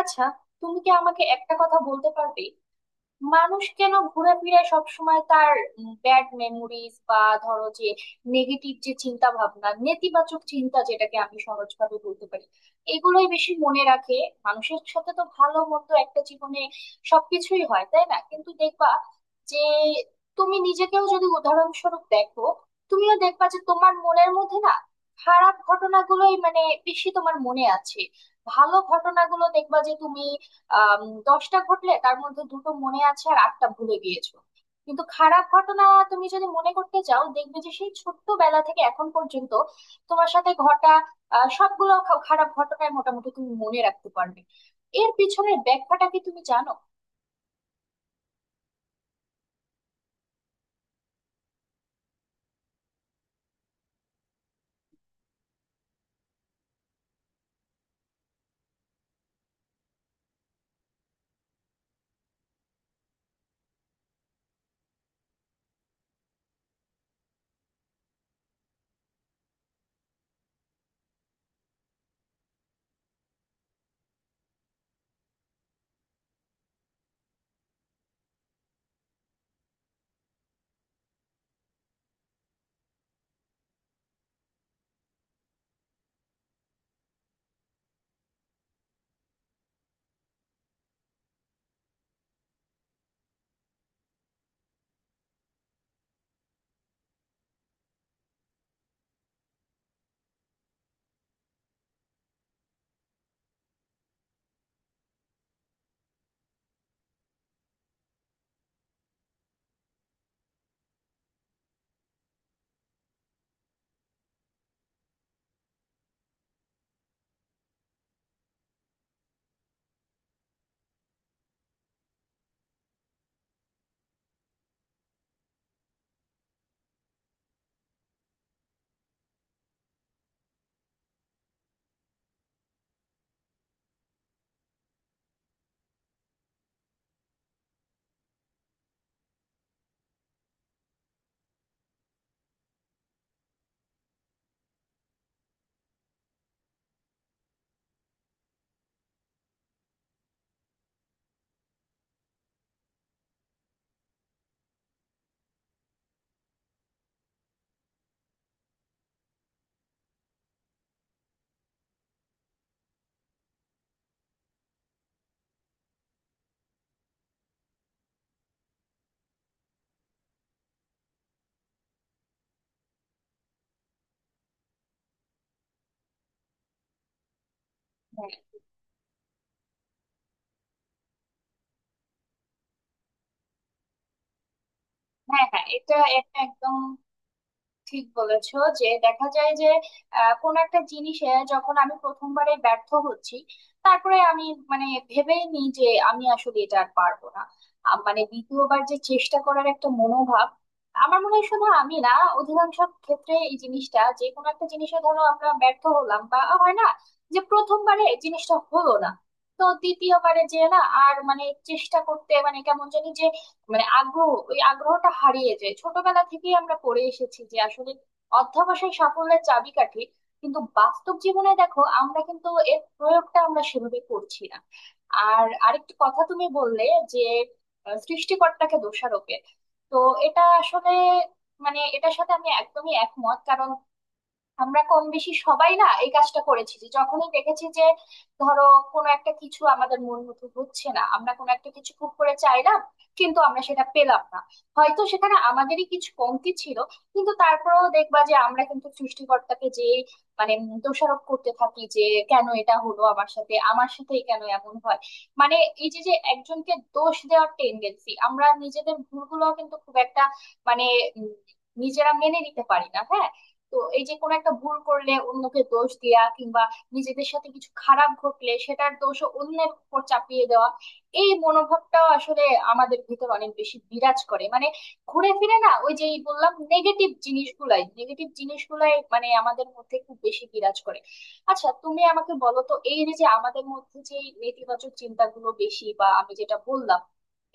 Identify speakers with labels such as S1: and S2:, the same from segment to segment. S1: আচ্ছা, তুমি কি আমাকে একটা কথা বলতে পারবে? মানুষ কেন ঘোরাফেরায় সবসময় তার ব্যাড মেমোরিজ বা ধরো যে নেগেটিভ যে চিন্তা ভাবনা, নেতিবাচক চিন্তা যেটাকে আমি সহজভাবে বলতে পারি, এগুলোই বেশি মনে রাখে? মানুষের সাথে তো ভালো মন্দ একটা জীবনে সবকিছুই হয়, তাই না? কিন্তু দেখবা যে তুমি নিজেকেও যদি উদাহরণস্বরূপ দেখো, তুমিও দেখবা যে তোমার মনের মধ্যে না খারাপ ঘটনাগুলোই মানে বেশি তোমার মনে আছে। ভালো ঘটনাগুলো দেখবা যে তুমি আম, দশটা ঘটলে তার মধ্যে দুটো মনে আছে আর আটটা ভুলে গিয়েছো। কিন্তু খারাপ ঘটনা তুমি যদি মনে করতে চাও, দেখবে যে সেই ছোট্টবেলা থেকে এখন পর্যন্ত তোমার সাথে ঘটা সবগুলো খারাপ ঘটনায় মোটামুটি তুমি মনে রাখতে পারবে। এর পিছনের ব্যাখ্যাটা কি তুমি জানো? হ্যাঁ হ্যাঁ হ্যাঁ, এটা একটা একদম ঠিক বলেছো যে দেখা যায় যে কোন একটা জিনিসে যখন আমি প্রথমবারে ব্যর্থ হচ্ছি, তারপরে আমি মানে ভেবেই নিই যে আমি আসলে এটা আর পারবো না। মানে দ্বিতীয়বার যে চেষ্টা করার একটা মনোভাব, আমার মনে হয় শুধু আমি না, অধিকাংশ ক্ষেত্রে এই জিনিসটা, যে কোনো একটা জিনিসে ধরো আমরা ব্যর্থ হলাম বা হয় না, যে প্রথমবারে জিনিসটা হলো না, তো দ্বিতীয়বারে যে না আর মানে চেষ্টা করতে মানে কেমন জানি যে, মানে আগ্রহ, ওই আগ্রহটা হারিয়ে যায়। ছোটবেলা থেকেই আমরা পড়ে এসেছি যে আসলে অধ্যবসায় সাফল্যের চাবিকাঠি, কিন্তু বাস্তব জীবনে দেখো আমরা কিন্তু এর প্রয়োগটা আমরা সেভাবে করছি না। আর আরেকটি কথা তুমি বললে, যে সৃষ্টিকর্তাকে দোষারোপের, তো এটা আসলে মানে এটার সাথে আমি একদমই একমত। কারণ আমরা কম বেশি সবাই না এই কাজটা করেছি, যে যখনই দেখেছি যে ধরো কোনো একটা কিছু আমাদের মন মতো হচ্ছে না, আমরা কোনো একটা কিছু খুব করে চাইলাম কিন্তু আমরা সেটা পেলাম না, হয়তো সেখানে আমাদেরই কিছু কমতি ছিল, কিন্তু তারপরেও দেখবা যে আমরা কিন্তু সৃষ্টিকর্তাকে যে মানে দোষারোপ করতে থাকি, যে কেন এটা হলো আমার সাথে, আমার সাথেই কেন এমন হয়। মানে এই যে যে একজনকে দোষ দেওয়ার টেন্ডেন্সি, আমরা নিজেদের ভুলগুলো কিন্তু খুব একটা মানে উম, নিজেরা মেনে নিতে পারি না, হ্যাঁ। তো এই যে কোনো একটা ভুল করলে অন্যকে দোষ দেয়া, কিংবা নিজেদের সাথে কিছু খারাপ ঘটলে সেটার দোষও অন্যের উপর চাপিয়ে দেওয়া, এই মনোভাবটাও আসলে আমাদের ভিতর অনেক বেশি বিরাজ করে। মানে ঘুরে ফিরে না ওই যেই বললাম, নেগেটিভ জিনিসগুলাই মানে আমাদের মধ্যে খুব বেশি বিরাজ করে। আচ্ছা, তুমি আমাকে বলো তো, এই যে যে আমাদের মধ্যে যে এই নেতিবাচক চিন্তাগুলো বেশি, বা আমি যেটা বললাম,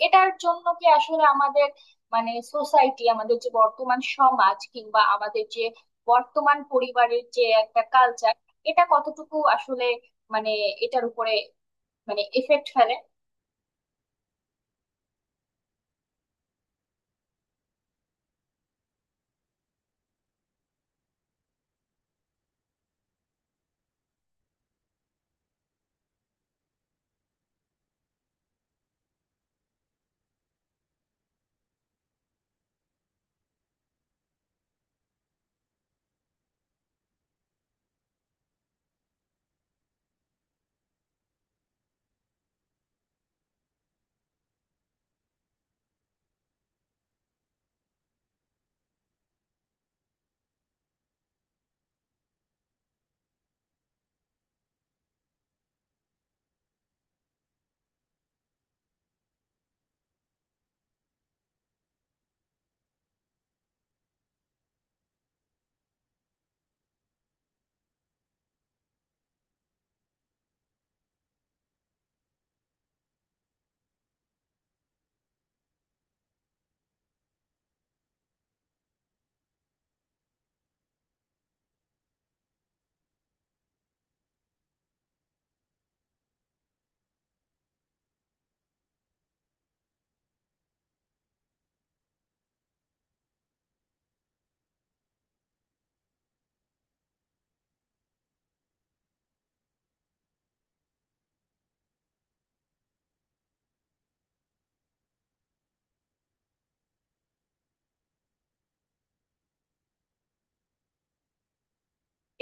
S1: এটার জন্য কি আসলে আমাদের মানে সোসাইটি, আমাদের যে বর্তমান সমাজ, কিংবা আমাদের যে বর্তমান পরিবারের যে একটা কালচার, এটা কতটুকু আসলে মানে এটার উপরে মানে এফেক্ট ফেলে?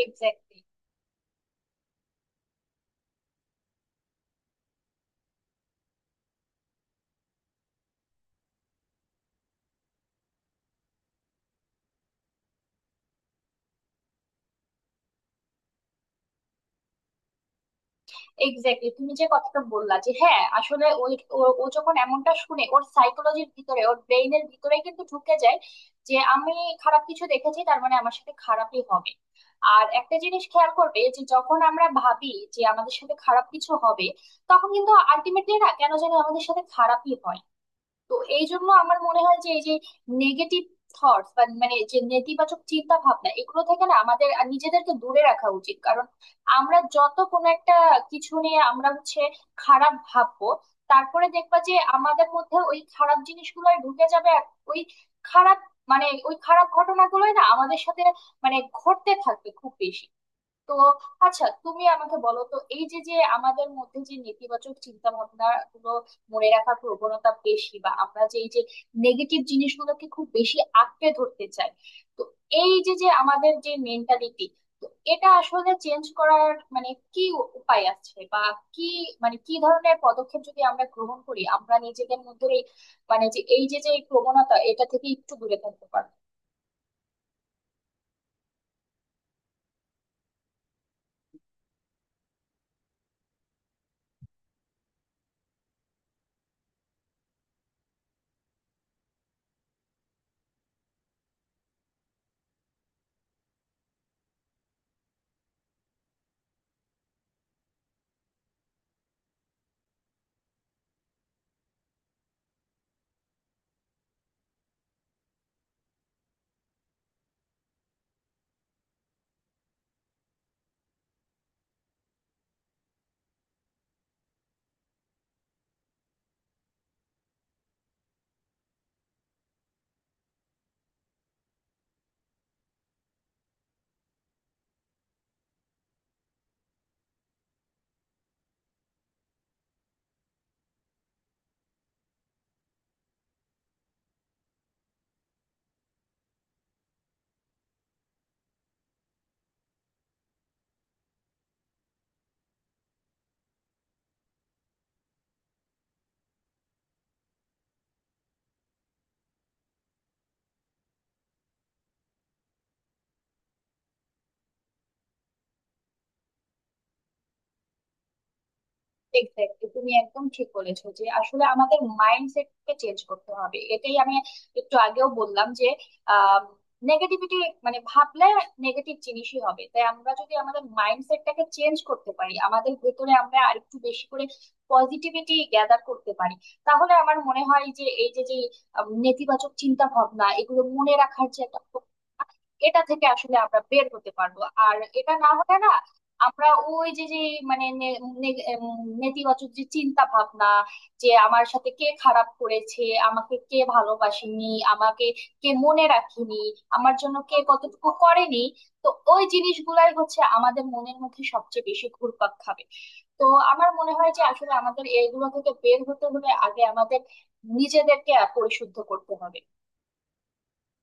S1: এক্স্যাক্টলি এক্স্যাক্টলি তুমি যে কথাটা বললা, যে হ্যাঁ আসলে ওই ও ও যখন এমনটা শুনে, ওর সাইকোলজির ভিতরে, ওর ব্রেইনের ভিতরে কিন্তু ঢুকে যায় যে আমি খারাপ কিছু দেখেছি, তার মানে আমার সাথে খারাপই হবে। আর একটা জিনিস খেয়াল করবে, যে যখন আমরা ভাবি যে আমাদের সাথে খারাপ কিছু হবে, তখন কিন্তু আলটিমেটলি না কেন জানি আমাদের সাথে খারাপই হয়। তো এই জন্য আমার মনে হয় যে এই যে নেগেটিভ থটস, বা মানে যে নেতিবাচক চিন্তা ভাবনা, এগুলো থেকে না আমাদের আর নিজেদেরকে দূরে রাখা উচিত। কারণ আমরা যত কোনো একটা কিছু নিয়ে আমরা হচ্ছে খারাপ ভাববো, তারপরে দেখবা যে আমাদের মধ্যে ওই খারাপ জিনিসগুলো ঢুকে যাবে, আর ওই খারাপ, মানে ওই খারাপ ঘটনাগুলোই না আমাদের সাথে মানে ঘটতে থাকবে খুব বেশি। তো আচ্ছা, তুমি আমাকে বলো তো, এই যে যে আমাদের মধ্যে যে নেতিবাচক চিন্তা ভাবনা গুলো মনে রাখার প্রবণতা বেশি, বা আমরা যে এই যে নেগেটিভ জিনিসগুলোকে খুব বেশি আঁকড়ে ধরতে চাই, তো এই যে যে আমাদের যে মেন্টালিটি, তো এটা আসলে চেঞ্জ করার মানে কি উপায় আছে, বা কি মানে কি ধরনের পদক্ষেপ যদি আমরা গ্রহণ করি, আমরা নিজেদের মধ্যে এই মানে যে এই যে যে এই প্রবণতা এটা থেকে একটু দূরে থাকতে পারবো? এক্স্যাক্টলি, তুমি একদম ঠিক বলেছো যে আসলে আমাদের মাইন্ডসেটকে চেঞ্জ করতে হবে। এটাই আমি একটু আগেও বললাম যে নেগেটিভিটি মানে ভাবলে নেগেটিভ জিনিসই হবে। তাই আমরা যদি আমাদের মাইন্ডসেটটাকে চেঞ্জ করতে পারি, আমাদের ভেতরে আমরা আরেকটু বেশি করে পজিটিভিটি গ্যাদার করতে পারি, তাহলে আমার মনে হয় যে এই যে যে নেতিবাচক চিন্তা ভাবনা এগুলো মনে রাখার যে একটা প্রবণতা, এটা থেকে আসলে আমরা বের হতে পারবো। আর এটা না হলে না আমরা ওই যে যে মানে নে- নে- এম, নেতিবাচক যে চিন্তা ভাবনা, যে আমার সাথে কে খারাপ করেছে, আমাকে কে ভালোবাসেনি, আমাকে কে মনে রাখেনি, আমার জন্য কে কতটুকু করেনি, তো ওই জিনিসগুলাই হচ্ছে আমাদের মনের মধ্যে সবচেয়ে বেশি ঘুরপাক খাবে। তো আমার মনে হয় যে আসলে আমাদের এইগুলো থেকে বের হতে হলে আগে আমাদের নিজেদেরকে পরিশুদ্ধ করতে হবে।